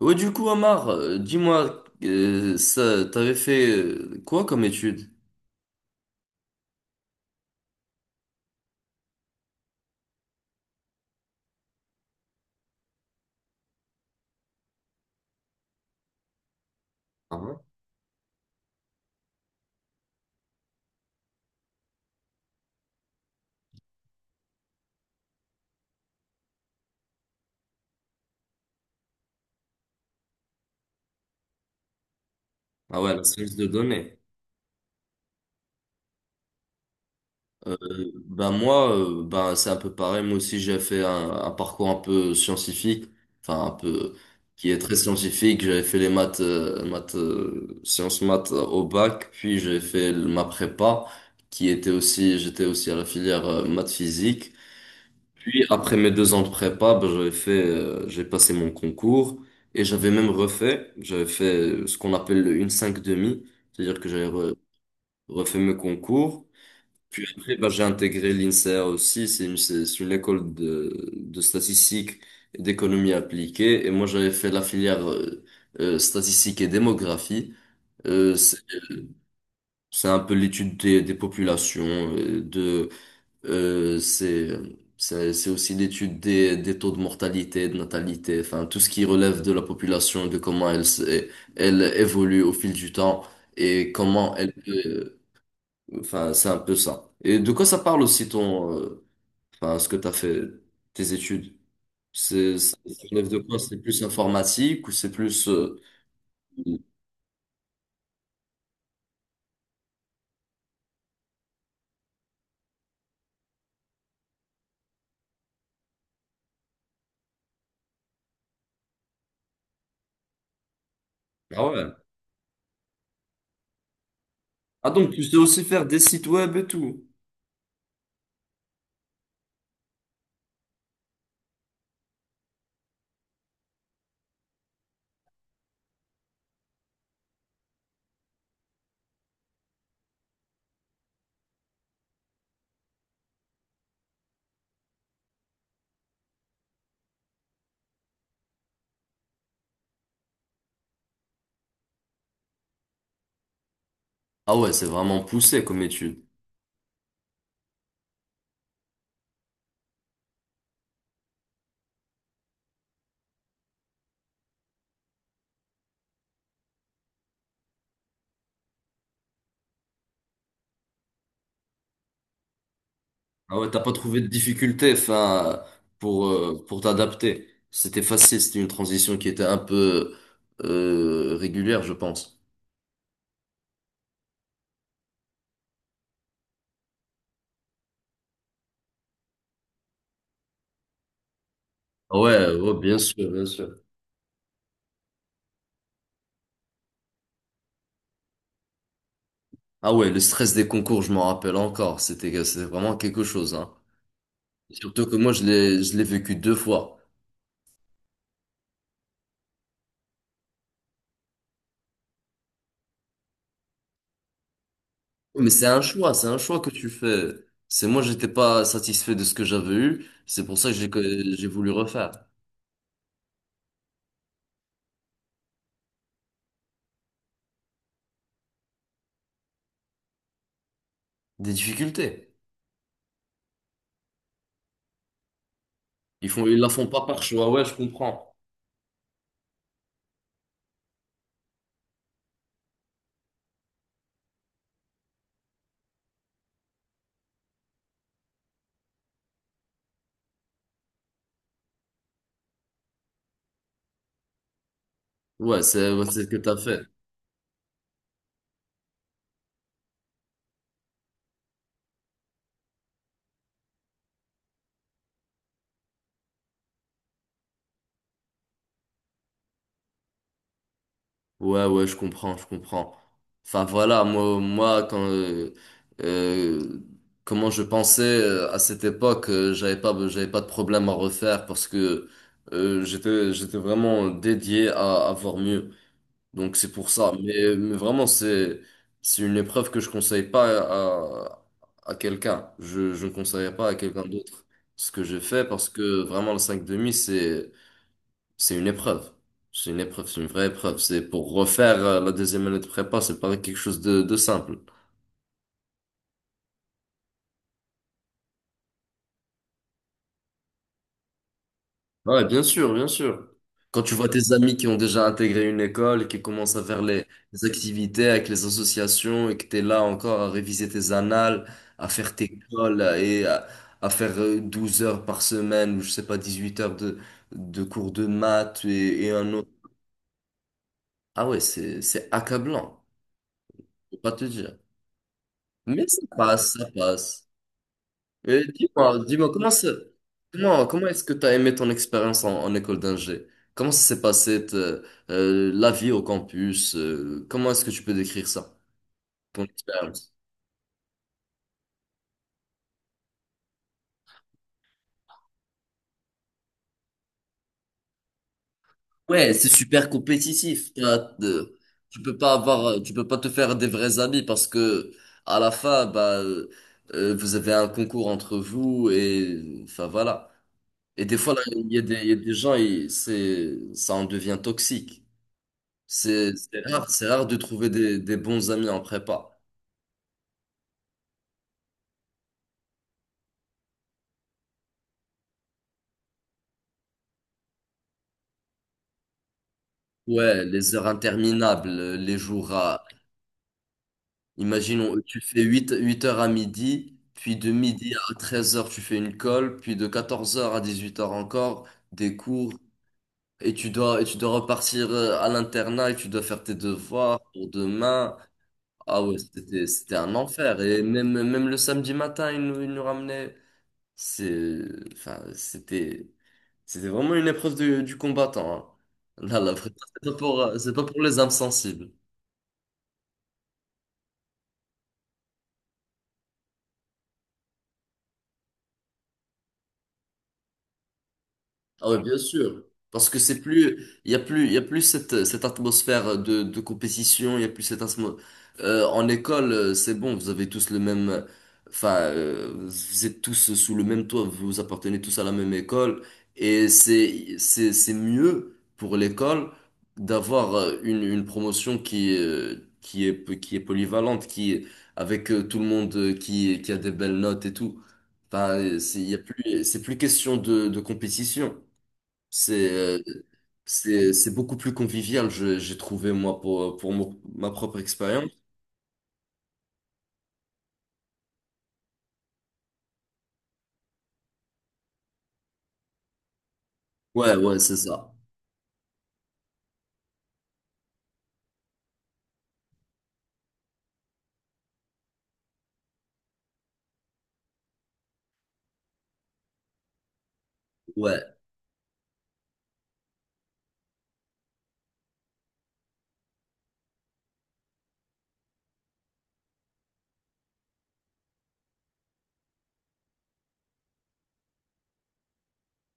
Ouais, du coup, Omar, dis-moi, ça, t'avais fait quoi comme étude? Ah ouais? Ah ouais, la science de données. Ben moi, ben c'est un peu pareil. Moi aussi, j'ai fait un parcours un peu scientifique, enfin un peu qui est très scientifique. J'avais fait les maths, sciences maths au bac, puis j'ai fait ma prépa, qui était aussi, j'étais aussi à la filière maths physique. Puis après mes deux ans de prépa, ben, j'ai passé mon concours et j'avais même refait, j'avais fait ce qu'on appelle le une cinq demi, c'est-à-dire que j'avais refait mes concours. Puis après, ben, j'ai intégré l'INSEA aussi, c'est une école de statistique et d'économie appliquée. Et moi, j'avais fait la filière statistique et démographie. Euh, c'est euh, c'est un peu l'étude des populations, euh, de euh, c'est, c'est aussi l'étude des taux de mortalité, de natalité, enfin tout ce qui relève de la population, de comment elle évolue au fil du temps et comment elle peut. Enfin, c'est un peu ça. Et de quoi ça parle aussi ton, enfin, ce que t'as fait, tes études? C'est, ça relève de quoi? C'est plus informatique ou c'est plus, ah ouais. Ah donc tu sais aussi faire des sites web et tout. Ah ouais, c'est vraiment poussé comme étude. Ah ouais, t'as pas trouvé de difficulté, enfin, pour t'adapter. C'était facile, c'était une transition qui était un peu régulière, je pense. Ah ouais, ouais, bien sûr, bien sûr. Ah ouais, le stress des concours, je m'en rappelle encore. C'était vraiment quelque chose, hein. Surtout que moi, je l'ai vécu deux fois. Mais c'est un choix que tu fais. C'est moi, j'étais pas satisfait de ce que j'avais eu. C'est pour ça que j'ai voulu refaire. Des difficultés. Ils la font pas par choix. Ouais, je comprends. Ouais, ouais, c'est ce que t'as fait. Ouais, ouais, je comprends, je comprends. Enfin voilà, moi quand euh, comment je pensais à cette époque, j'avais pas de problème à refaire parce que j'étais vraiment dédié à voir mieux. Donc c'est pour ça. Mais vraiment, c'est une épreuve que je conseille pas à quelqu'un. Je ne conseillerais pas à quelqu'un d'autre ce que j'ai fait parce que vraiment le 5 demi, c'est une épreuve. C'est une épreuve, c'est une vraie épreuve. C'est pour refaire la deuxième année de prépa, c'est pas quelque chose de simple. Ouais, bien sûr, bien sûr. Quand tu vois tes amis qui ont déjà intégré une école et qui commencent à faire les activités avec les associations et que t'es là encore à réviser tes annales, à faire tes cols et à faire 12 heures par semaine ou je sais pas, 18 heures de cours de maths et un autre. Ah ouais, c'est accablant, faut pas te dire. Mais ça passe, ça passe. Mais dis-moi, dis-moi, comment est-ce que tu as aimé ton expérience en école d'ingé? Comment ça s'est passé te- La vie au campus? Comment est-ce que tu peux décrire ça, ton expérience? Ouais, c'est super compétitif. Tu peux pas te faire des vrais amis parce que à la fin, bah, vous avez un concours entre vous et enfin voilà. Et des fois, là, il y a des gens, ça en devient toxique. C'est rare, c'est rare de trouver des bons amis en prépa. Ouais, les heures interminables, les jours à. Imaginons, tu fais huit heures à midi, puis de midi à 13 heures, tu fais une colle, puis de 14 heures à 18 heures encore, des cours, et tu dois repartir à l'internat, et tu dois faire tes devoirs pour demain. Ah ouais, c'était un enfer. Et même, même le samedi matin, ils nous ramenaient. C'est, enfin, c'était, C'était vraiment une épreuve du combattant, hein. Là, la vraie- c'est pas pour les âmes sensibles. Ah ouais, bien sûr. Parce que il y a plus cette atmosphère de compétition, il y a plus cette atmosphère. En école, c'est bon, vous avez tous le même, enfin, vous êtes tous sous le même toit, vous appartenez tous à la même école, et c'est mieux pour l'école d'avoir une promotion qui est polyvalente, avec tout le monde qui a des belles notes et tout. Enfin, c'est, il y a plus, c'est plus question de compétition. C'est euh, c'est beaucoup plus convivial, j'ai trouvé moi ma propre expérience. Ouais, ouais, c'est ça. Ouais.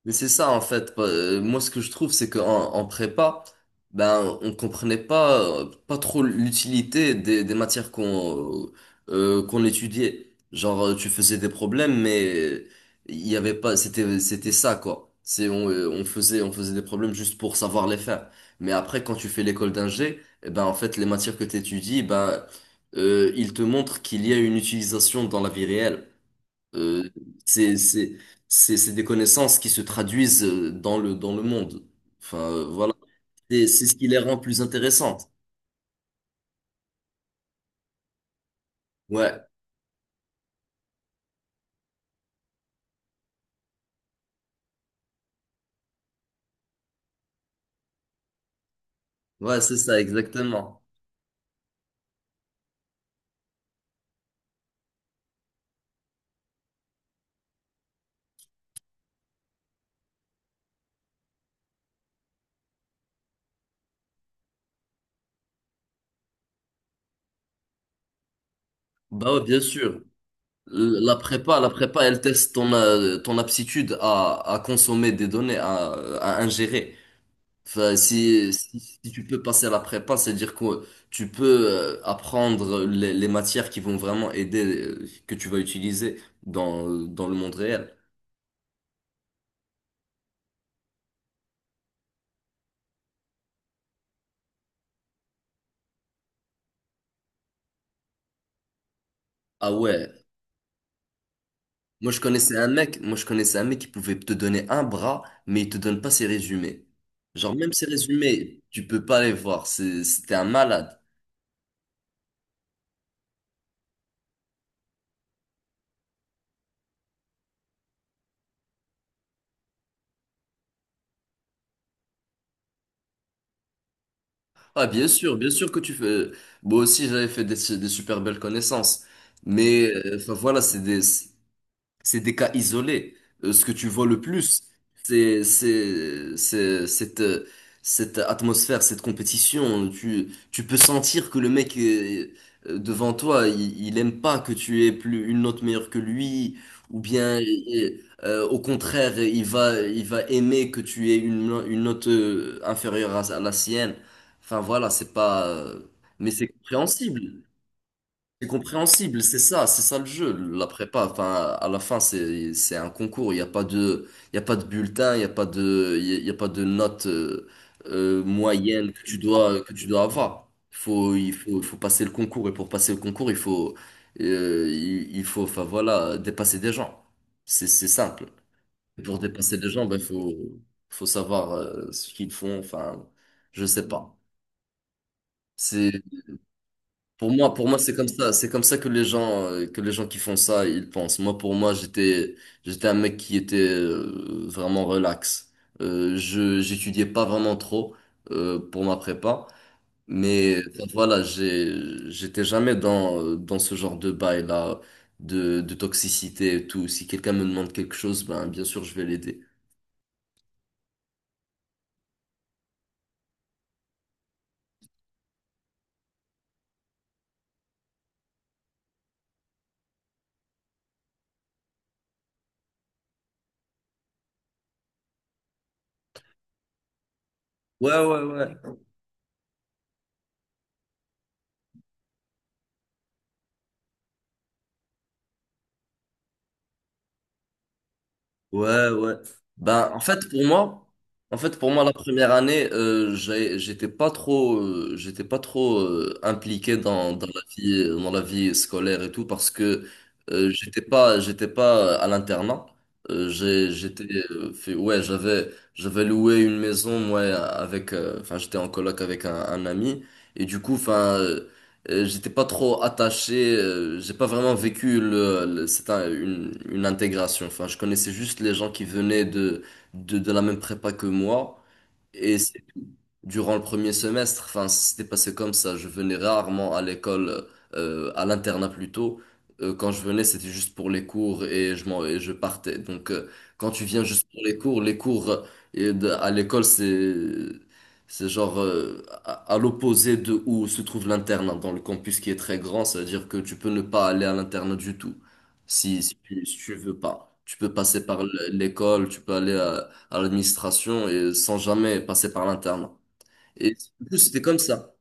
Mais c'est ça en fait. Moi, ce que je trouve, c'est qu'en en prépa, ben, on comprenait pas trop l'utilité des matières euh, qu'on étudiait. Genre, tu faisais des problèmes, mais il y avait pas. C'était ça, quoi. C'est on faisait des problèmes juste pour savoir les faire. Mais après, quand tu fais l'école d'ingé, eh ben en fait, les matières que tu étudies, ils te montrent qu'il y a une utilisation dans la vie réelle. Euh, c'est, c'est, c'est des connaissances qui se traduisent dans le monde. Enfin, voilà. C'est ce qui les rend plus intéressantes. Ouais, ouais, c'est ça, exactement. Bah ouais, bien sûr. La prépa, elle teste ton aptitude à consommer des données, à ingérer. Enfin, si tu peux passer à la prépa, c'est-à-dire que tu peux apprendre les matières qui vont vraiment aider, que tu vas utiliser dans le monde réel. Ah ouais. Moi, je connaissais un mec, moi, je connaissais un mec qui pouvait te donner un bras, mais il te donne pas ses résumés. Genre, même ses résumés, tu peux pas les voir. C'était un malade. Ah, bien sûr que tu fais. Moi aussi, j'avais fait des super belles connaissances. Mais, enfin, voilà, c'est des. C'est des cas isolés. Ce que tu vois le plus, c'est cette cette atmosphère, cette compétition. Tu peux sentir que le mec devant toi, il aime pas que tu aies plus une note meilleure que lui, ou bien au contraire, il va aimer que tu aies une no- une note inférieure à la sienne. Enfin voilà, c'est pas. Mais c'est compréhensible. C'est compréhensible, c'est ça le jeu, la prépa. Enfin, à la fin, c'est un concours. Il y a pas de bulletin, il y a pas de note moyenne que tu dois avoir. Il faut passer le concours et pour passer le concours, il faut enfin voilà dépasser des gens. C'est simple. Et pour dépasser des gens, ben faut savoir ce qu'ils font. Enfin, je sais pas. C'est Pour moi, pour moi, c'est comme ça. C'est comme ça que les gens qui font ça, ils pensent. Moi, pour moi, j'étais un mec qui était vraiment relax. J'étudiais pas vraiment trop pour ma prépa, mais enfin, voilà, j'étais jamais dans ce genre de bail-là, de toxicité et tout. Si quelqu'un me demande quelque chose, ben bien sûr, je vais l'aider. Ouais, ouais, ouais. Ouais, ouais. ben en fait, pour moi, En fait, pour moi, la première année, j'étais pas trop impliqué dans la vie scolaire et tout parce que j'étais pas à l'internat. Euh, j'ai, j'étais, ouais, j'avais loué une maison, moi, avec, enfin, j'étais en coloc avec un ami et du coup, enfin. J'étais pas trop attaché, j'ai pas vraiment vécu une intégration. Enfin, je connaissais juste les gens qui venaient de la même prépa que moi. Et c'est durant le premier semestre, enfin, c'était passé comme ça. Je venais rarement à l'école, à l'internat plutôt. Quand je venais, c'était juste pour les cours et je partais. Donc, quand tu viens juste pour les cours, à l'école, c'est genre à l'opposé de où se trouve l'internat dans le campus qui est très grand. C'est-à-dire que tu peux ne pas aller à l'internat du tout si tu veux pas. Tu peux passer par l'école, tu peux aller à l'administration et sans jamais passer par l'internat. Et en plus, c'était comme ça.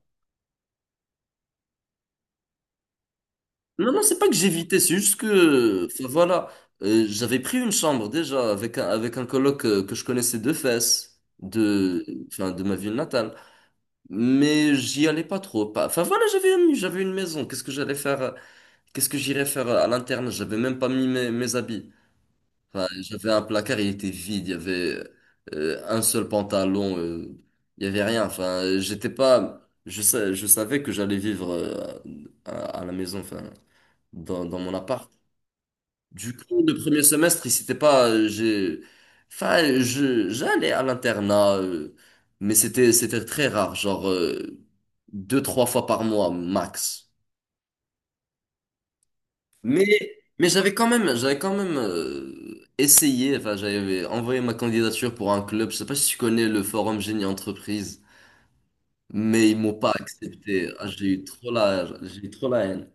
Non, non, c'est pas que j'évitais, c'est juste que, enfin, voilà, j'avais pris une chambre déjà avec un coloc que je connaissais de enfin, de ma ville natale. Mais j'y allais pas trop. Enfin, voilà, j'avais une maison. Qu'est-ce que j'irais faire à l'interne? J'avais même pas mis mes habits. Enfin, j'avais un placard, il était vide, il y avait un seul pantalon, il y avait rien. Enfin, j'étais pas, je sais, je savais que j'allais vivre à la maison, enfin, dans mon appart. Du coup, le premier semestre, il s'était pas, j'ai, enfin, je, j'allais à l'internat, mais c'était très rare, genre deux, trois fois par mois max. Mais, mais j'avais quand même essayé, enfin j'avais envoyé ma candidature pour un club, je sais pas si tu connais le forum Génie Entreprise, mais ils m'ont pas accepté. Ah, j'ai eu trop la haine.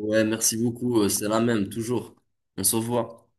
Ouais, merci beaucoup, c'est la même, toujours. On se revoit.